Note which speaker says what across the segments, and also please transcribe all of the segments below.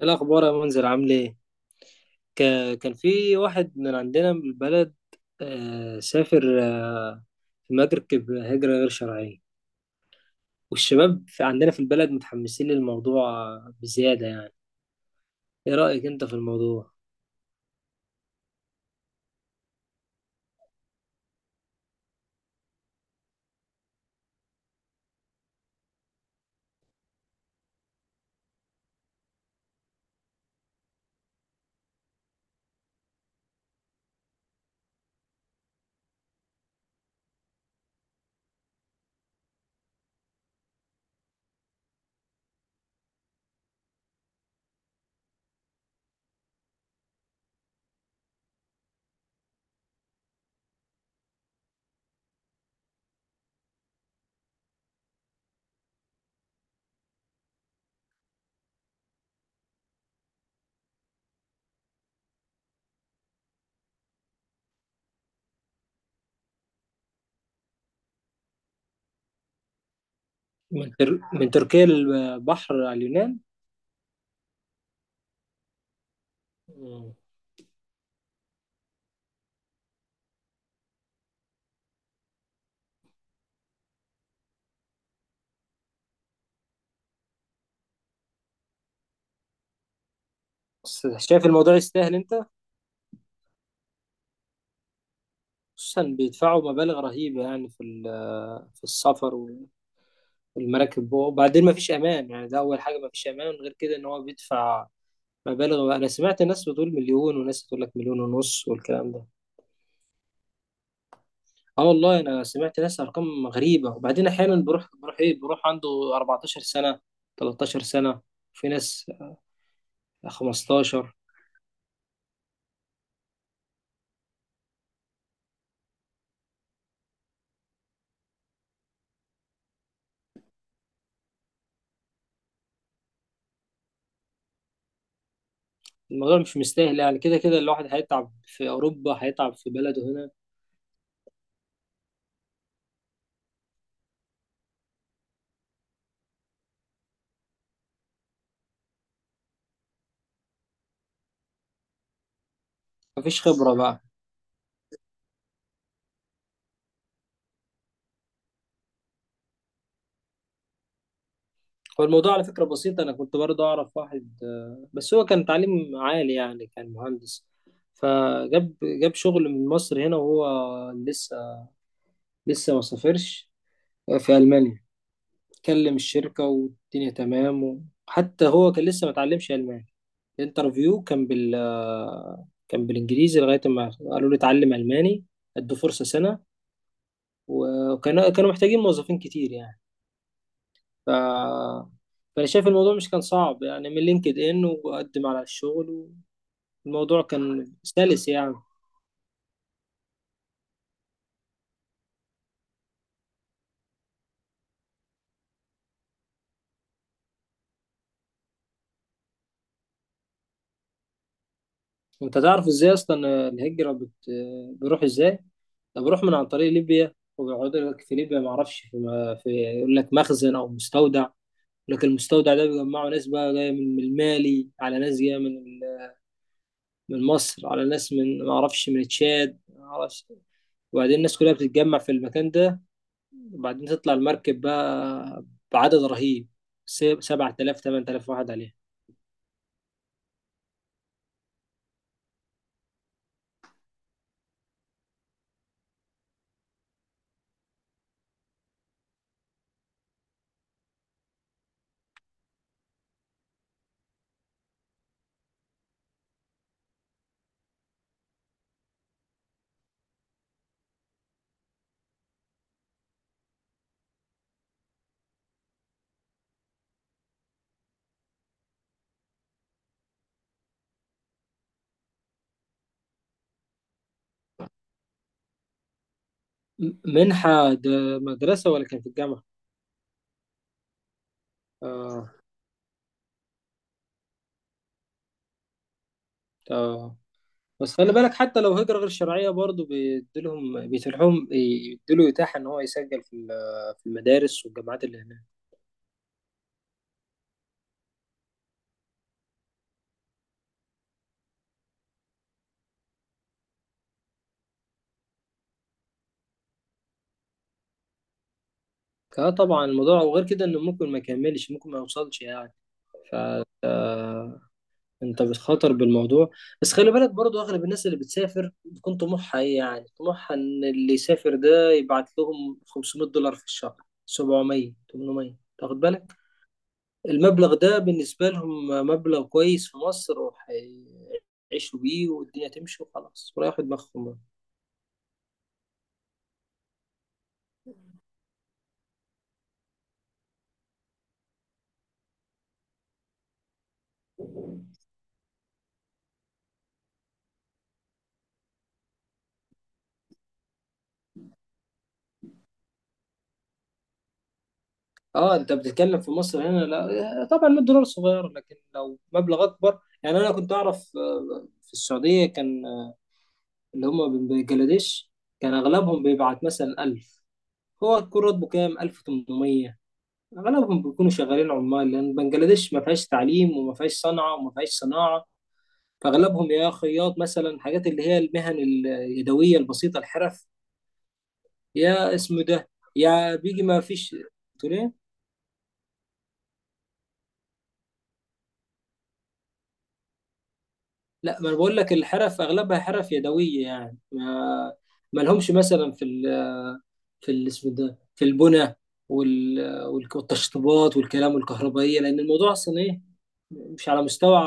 Speaker 1: إيه الأخبار يا منذر، عامل إيه؟ كان في واحد من عندنا من البلد، سافر في مركب هجرة غير شرعية. والشباب في عندنا في البلد متحمسين للموضوع بزيادة يعني. إيه رأيك أنت في الموضوع؟ من تركيا للبحر على اليونان؟ مم. بس شايف الموضوع يستاهل أنت؟ خصوصا بيدفعوا مبالغ رهيبة يعني في ال- آه، في السفر والمراكب. وبعدين مفيش أمان، يعني ده أول حاجة مفيش أمان، غير كده إن هو بيدفع مبالغ بقى. انا سمعت ناس بتقول مليون وناس تقول لك مليون ونص والكلام ده. اه والله انا سمعت ناس ارقام غريبه، وبعدين احيانا بروح عنده 14 سنه، 13 سنه، في ناس 15. الموضوع مش مستاهل يعني، كده كده الواحد هيتعب في اوروبا هيتعب في بلده هنا. مفيش خبره بقى. هو الموضوع على فكره بسيط، انا كنت برضه اعرف واحد بس هو كان تعليم عالي يعني، كان مهندس. فجاب شغل من مصر هنا وهو لسه ما سافرش. في ألمانيا كلم الشركة والدنيا تمام، وحتى هو كان لسه ما اتعلمش ألماني. الانترفيو كان بالإنجليزي لغاية ما قالوا لي اتعلم ألماني. ادوا فرصة سنة. وكانوا محتاجين موظفين كتير يعني. ف... فأنا شايف الموضوع مش كان صعب يعني، من لينكد إن وقدم على الشغل والموضوع كان سلس يعني. أنت تعرف إزاي أصلا بيروح إزاي؟ انا بروح من عن طريق ليبيا، وبيقعدوا لك في ليبيا، ما اعرفش ما في، يقول لك مخزن او مستودع. يقول لك المستودع ده بيجمعوا ناس بقى جايه من المالي، على ناس جايه من مصر، على ناس من، ما اعرفش، من تشاد، ما اعرفش. وبعدين الناس كلها بتتجمع في المكان ده، وبعدين تطلع المركب بقى بعدد رهيب، 7000 8000 واحد عليها. منحة ده، مدرسة ولا كان في الجامعة؟ آه. آه. بس خلي بالك، حتى لو هجرة غير شرعية برضه بيديلهم، بيتيحهم بيديله إتاحة إن هو يسجل في المدارس والجامعات اللي هناك. اه طبعا الموضوع، وغير كده إنه ممكن ما يكملش، ممكن ما يوصلش يعني. ف آه، أنت بتخاطر بالموضوع. بس خلي بالك برضه، أغلب الناس اللي بتسافر بتكون طموحها إيه؟ يعني طموحها إن اللي يسافر ده يبعت لهم 500 دولار في الشهر، 700 800، تاخد بالك. المبلغ ده بالنسبة لهم مبلغ كويس في مصر، وهيعيشوا بيه والدنيا تمشي وخلاص، وياخد دماغهم بقى. اه انت بتتكلم في مصر هنا، لا طبعا 100 دولار صغير، لكن لو مبلغ اكبر يعني. انا كنت اعرف في السعودية، كان اللي هم من بنجلاديش، كان اغلبهم بيبعت مثلا 1000. هو يكون راتبه كام؟ 1800. اغلبهم بيكونوا شغالين عمال، لان بنجلاديش ما فيهاش تعليم وما فيهاش صنعة وما فيهاش صناعة. فاغلبهم يا خياط مثلا، حاجات اللي هي المهن اليدويه البسيطه، الحرف. يا اسمه ده، يا بيجي، ما فيش تقول ايه. لا، ما انا بقول لك الحرف اغلبها حرف يدويه، يعني ما ما لهمش مثلا اسمه ده، في البنى، وال... والتشطيبات والكلام والكهربائيه، لان الموضوع اصلا ايه، مش على مستوى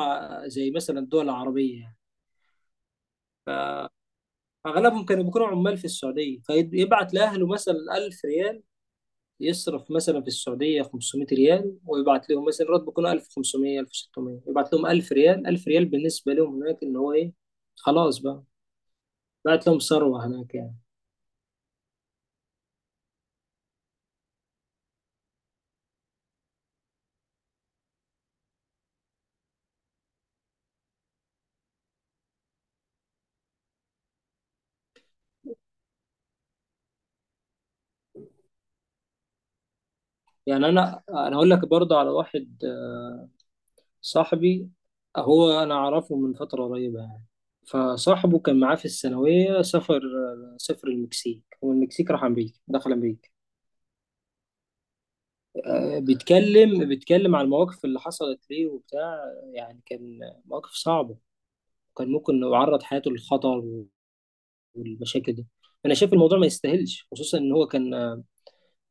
Speaker 1: زي مثلا الدول العربيه يعني. اغلبهم كانوا بيكونوا عمال في السعوديه، فيبعت لاهله مثلا 1000 ريال. يصرف مثلا في السعودية 500 ريال، ويبعت لهم مثلا، راتبه يكون 1500 1600، يبعت لهم 1000 ريال. 1000 ريال بالنسبة لهم هناك إن هو إيه، خلاص بقى، بعت لهم ثروة هناك يعني. يعني أنا هقول لك برضه على واحد صاحبي، هو أنا أعرفه من فترة قريبة يعني. فصاحبه كان معاه في الثانوية، سافر، سافر المكسيك، والمكسيك راح أمريكا، دخل أمريكا. بيتكلم عن المواقف اللي حصلت ليه وبتاع. يعني كان مواقف صعبة، كان ممكن يعرض حياته للخطر والمشاكل دي. انا شايف الموضوع ما يستاهلش، خصوصا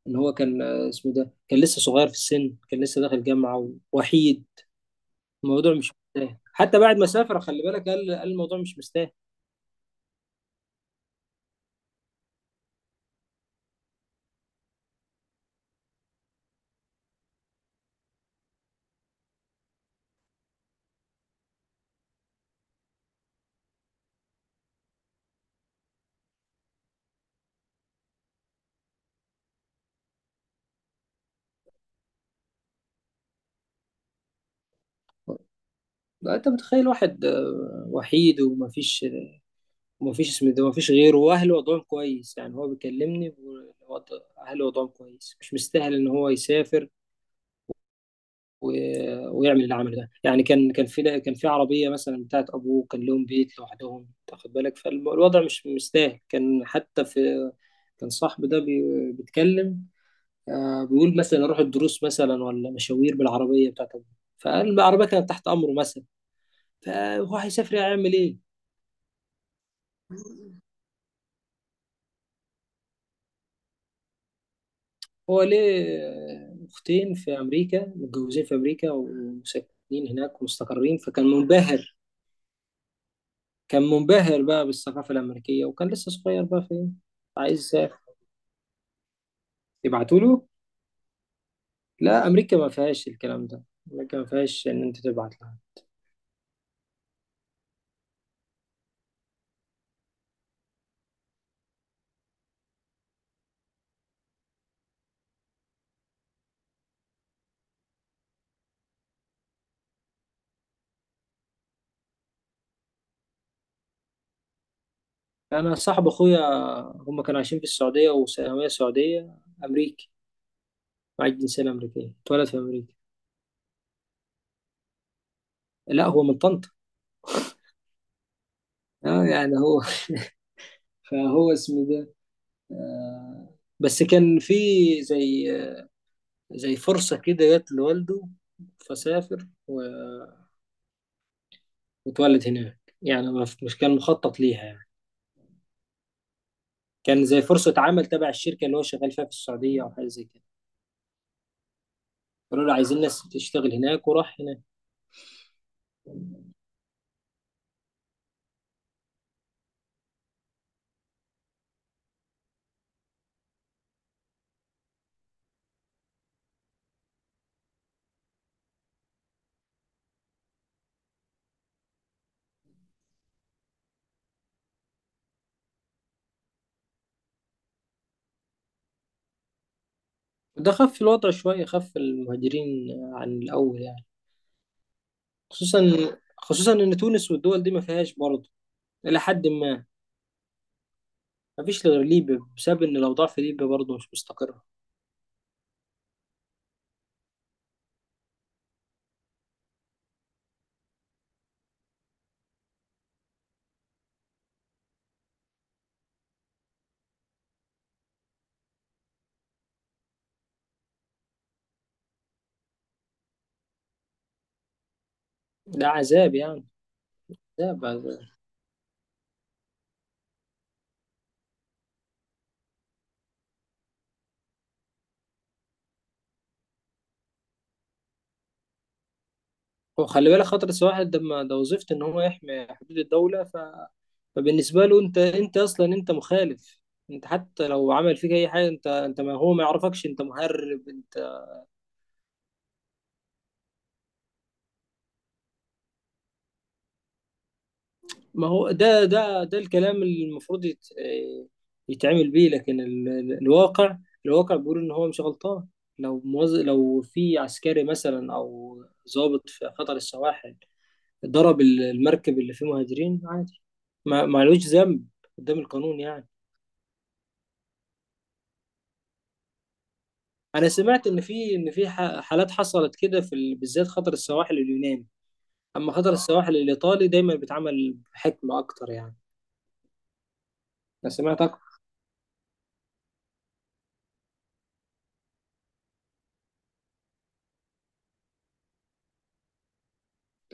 Speaker 1: ان هو كان اسمه ده، كان لسه صغير في السن، كان لسه داخل جامعه، ووحيد. الموضوع مش مستاهل، حتى بعد ما سافر خلي بالك، قال الموضوع مش مستاهل. انت متخيل واحد وحيد ومفيش، ومفيش اسمه ده، مفيش غيره، واهله وضعهم كويس، يعني هو بيكلمني، اهله وضعهم كويس، مش مستاهل ان هو يسافر ويعمل العمل ده. يعني كان في عربيه مثلا بتاعت ابوه، كان لهم بيت لوحدهم، تاخد بالك، فالوضع مش سهل. كان حتى في، كان صاحبي ده بيتكلم، بيقول مثلا اروح الدروس مثلا، ولا مشاوير بالعربيه بتاعت ابوه، فقال العربيه كانت تحت امره مثلا. فهو هيسافر هيعمل ايه؟ هو ليه اختين في امريكا، متجوزين في امريكا وساكنين هناك ومستقرين، فكان منبهر كان منبهر بقى بالثقافة الأمريكية، وكان لسه صغير بقى في إيه؟ عايز يسافر، يبعتوا له. لا أمريكا ما فيهاش الكلام ده، أمريكا ما فيهاش إن أنت تبعت لها. أنا صاحب أخويا، هم كانوا عايشين في السعودية، وثانوية سعودية. أمريكي، معاه الجنسية الأمريكية، اتولد في أمريكا. لا هو من طنطا. آه يعني هو فهو اسمه ده، آه بس كان في، زي زي فرصة كده جت لوالده، فسافر و- واتولد هناك يعني، مش كان مخطط ليها يعني. كان زي فرصة عمل تبع الشركة اللي هو شغال فيها في السعودية، أو حاجة زي كده. قالوا له عايزين ناس تشتغل هناك، وراح هناك. وده خف الوضع شوية، خف المهاجرين عن الأول يعني. خصوصا خصوصا إن تونس والدول دي ما فيهاش برضه، إلى حد ما. ما فيش غير ليبيا، بسبب إن الأوضاع في ليبيا برضه مش مستقرة. ده عذاب يعني، عذاب. وخلي بالك خطر السواحل ده ده وظيفته ان هو يحمي حدود الدوله. فبالنسبه له، انت اصلا انت مخالف. انت حتى لو عمل فيك اي حاجه، انت ما هو ما يعرفكش، انت مهرب انت. ما هو ده الكلام اللي المفروض يتعمل بيه، لكن الواقع بيقول ان هو مش غلطان. لو في عسكري مثلا، او ضابط في خطر السواحل، ضرب المركب اللي فيه مهاجرين، عادي، ما لهوش ذنب قدام القانون يعني. انا سمعت ان في حالات حصلت كده بالذات خطر السواحل اليوناني، اما خطر السواحل الايطالي دايما بيتعمل بحكمه اكتر يعني. انا سمعت اكتر.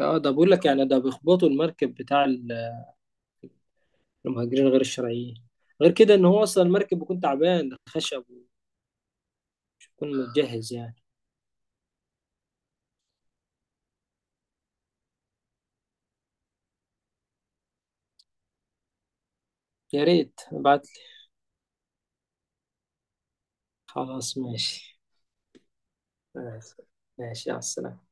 Speaker 1: اه ده بقول لك يعني، ده بيخبطوا المركب بتاع المهاجرين غير الشرعيين. غير كده ان هو اصلا المركب بيكون تعبان، ده خشب، ويكون متجهز يعني. يا ريت ابعت لي. خلاص ماشي. ماشي، ماشي، على السلامه.